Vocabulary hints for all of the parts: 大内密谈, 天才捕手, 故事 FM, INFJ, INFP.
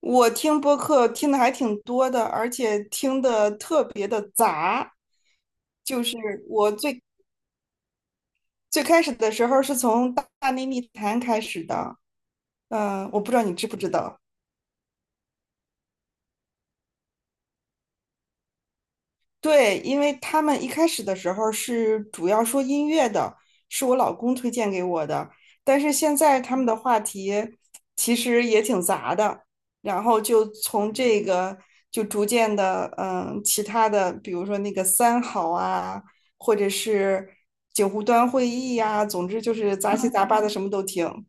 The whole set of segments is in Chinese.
我听播客听的还挺多的，而且听的特别的杂。就是我最开始的时候是从大内密谈开始的，我不知道你知不知道。对，因为他们一开始的时候是主要说音乐的，是我老公推荐给我的。但是现在他们的话题其实也挺杂的，然后就从这个就逐渐的，其他的，比如说那个三好啊，或者是九湖端会议呀、总之就是杂七杂八的什么都听。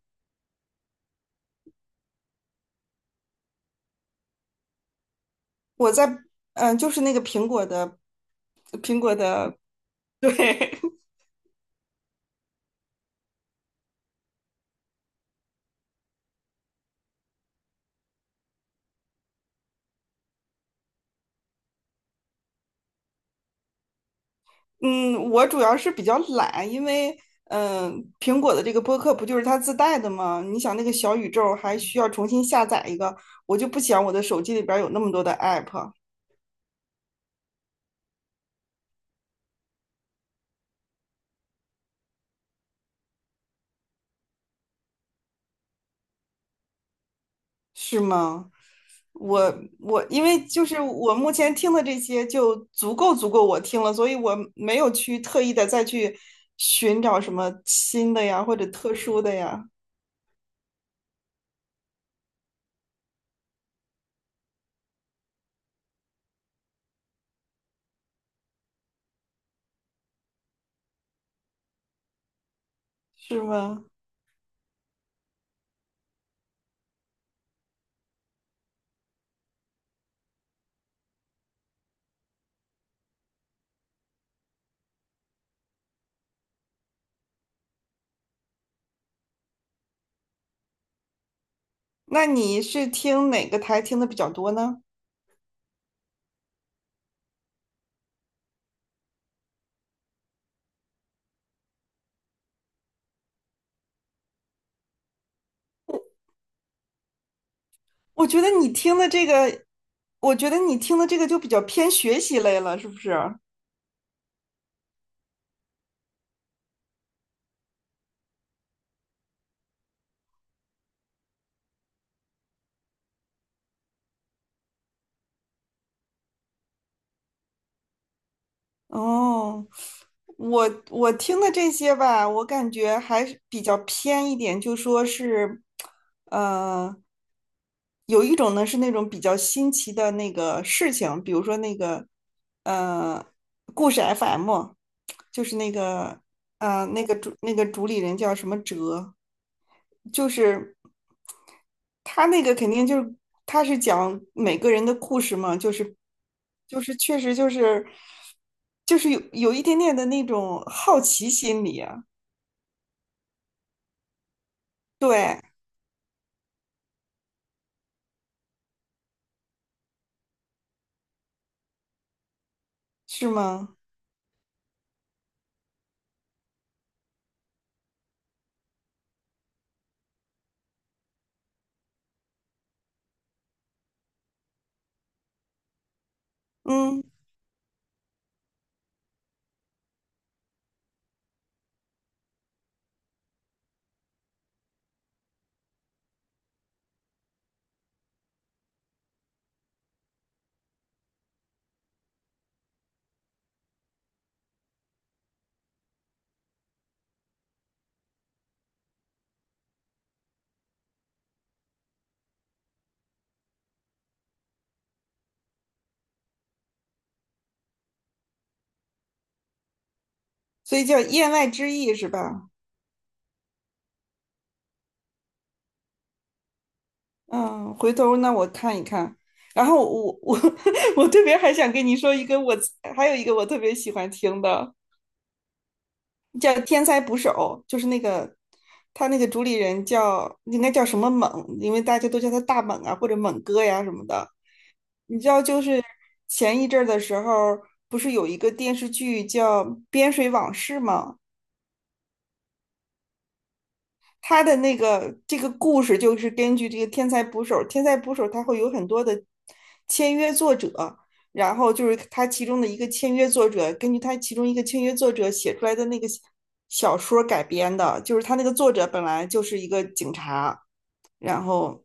我在，就是那个苹果的，苹果的，对。嗯，我主要是比较懒，因为嗯、苹果的这个播客不就是它自带的吗？你想那个小宇宙还需要重新下载一个，我就不想我的手机里边儿有那么多的 app，是吗？我因为就是我目前听的这些就足够我听了，所以我没有去特意的再去寻找什么新的呀，或者特殊的呀，是吗？那你是听哪个台听的比较多呢？我觉得你听的这个，我觉得你听的这个就比较偏学习类了，是不是？哦，我听的这些吧，我感觉还是比较偏一点，就说是，呃，有一种呢是那种比较新奇的那个事情，比如说那个，呃，故事 FM，就是那个。那个主理人叫什么哲，就是他那个肯定就是他是讲每个人的故事嘛，就是确实就是有一点点的那种好奇心理啊，对，是吗？嗯，所以叫言外之意是吧？嗯，回头那我看一看。然后我 我特别还想跟你说一个我，还有一个我特别喜欢听的。叫天才捕手，就是那个他那个主理人应该叫什么猛，因为大家都叫他大猛啊或者猛哥呀什么的。你知道，就是前一阵儿的时候，不是有一个电视剧叫《边水往事》吗？他的那个这个故事就是根据这个天才捕手，天才捕手他会有很多的签约作者，然后就是他其中的一个签约作者，根据他其中一个签约作者写出来的那个小说改编的，就是他那个作者本来就是一个警察，然后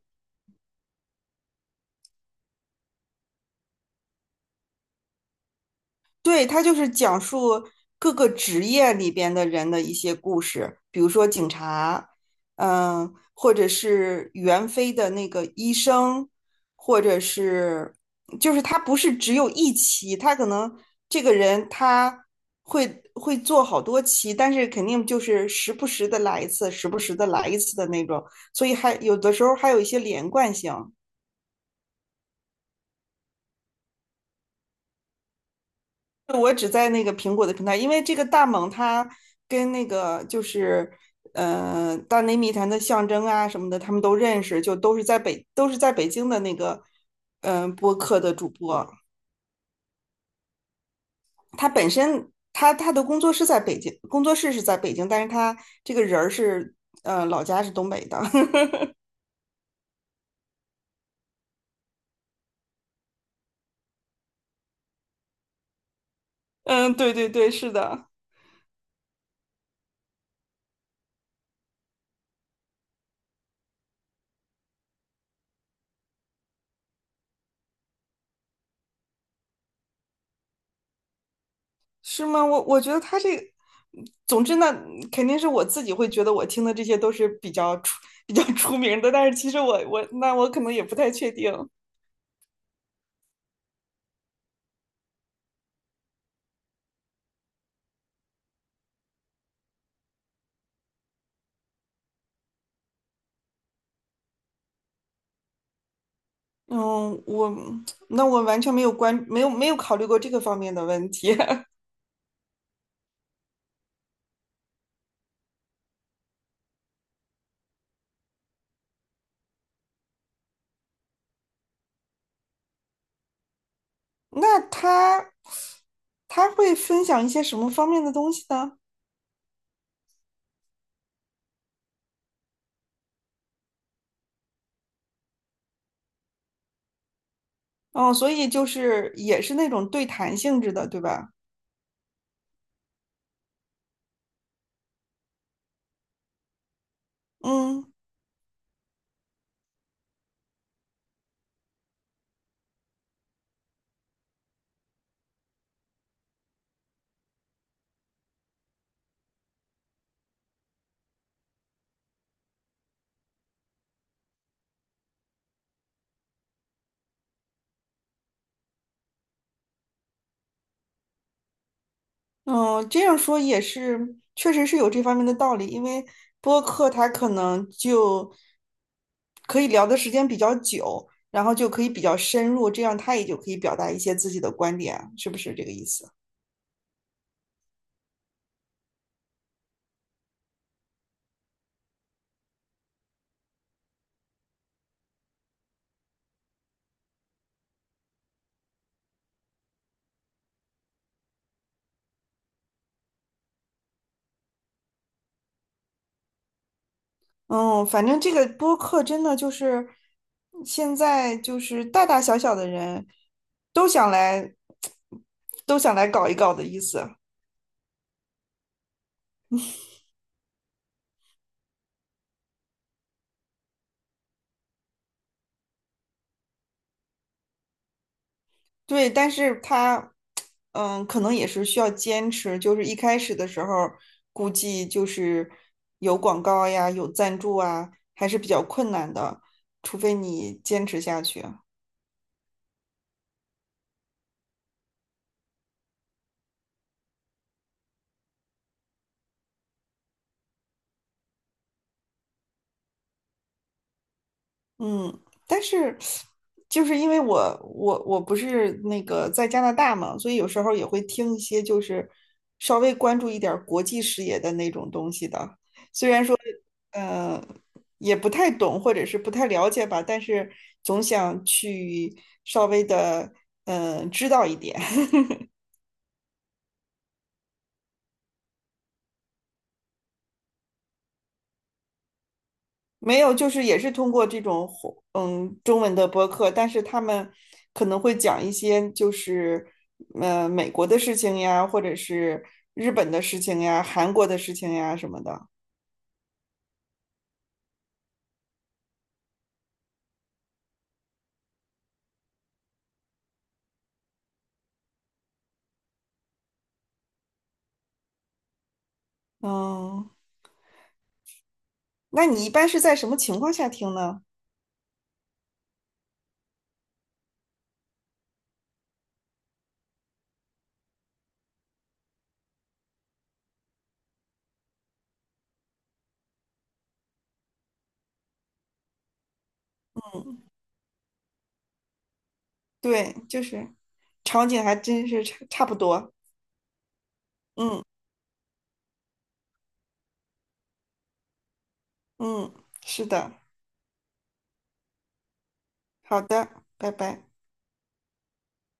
对，它就是讲述各个职业里边的人的一些故事，比如说警察，或者是袁飞的那个医生，或者是，就是他不是只有一期，他可能这个人他会做好多期，但是肯定就是时不时的来一次，时不时的来一次的那种，所以还有的时候还有一些连贯性。我只在那个苹果的平台，因为这个大猛他跟那个就是大内密谈的象征啊什么的，他们都认识，就都是在北京的那个播客的主播。他本身他的工作室在北京，工作室是在北京，但是他这个人儿是老家是东北的。嗯，对对对，是的。是吗？我觉得他这个，总之呢，肯定是我自己会觉得我听的这些都是比较 出名的，但是其实我那我可能也不太确定。嗯，我那我完全没有关没有没有考虑过这个方面的问题。那他会分享一些什么方面的东西呢？哦，所以就是也是那种对谈性质的，对吧？嗯。嗯，这样说也是，确实是有这方面的道理。因为播客它可能就可以聊的时间比较久，然后就可以比较深入，这样他也就可以表达一些自己的观点，是不是这个意思？嗯，反正这个播客真的就是现在就是大大小小的人都想来，都想来搞一搞的意思。对，但是他可能也是需要坚持，就是一开始的时候，估计就是有广告呀，有赞助啊，还是比较困难的，除非你坚持下去。嗯，但是就是因为我不是那个在加拿大嘛，所以有时候也会听一些就是稍微关注一点儿国际视野的那种东西的。虽然说呃也不太懂或者是不太了解吧，但是总想去稍微的知道一点。没有，就是也是通过这种中文的播客，但是他们可能会讲一些就是美国的事情呀，或者是日本的事情呀、韩国的事情呀什么的。嗯，那你一般是在什么情况下听呢？对，就是场景还真是差不多。嗯嗯，是的，好的，拜拜。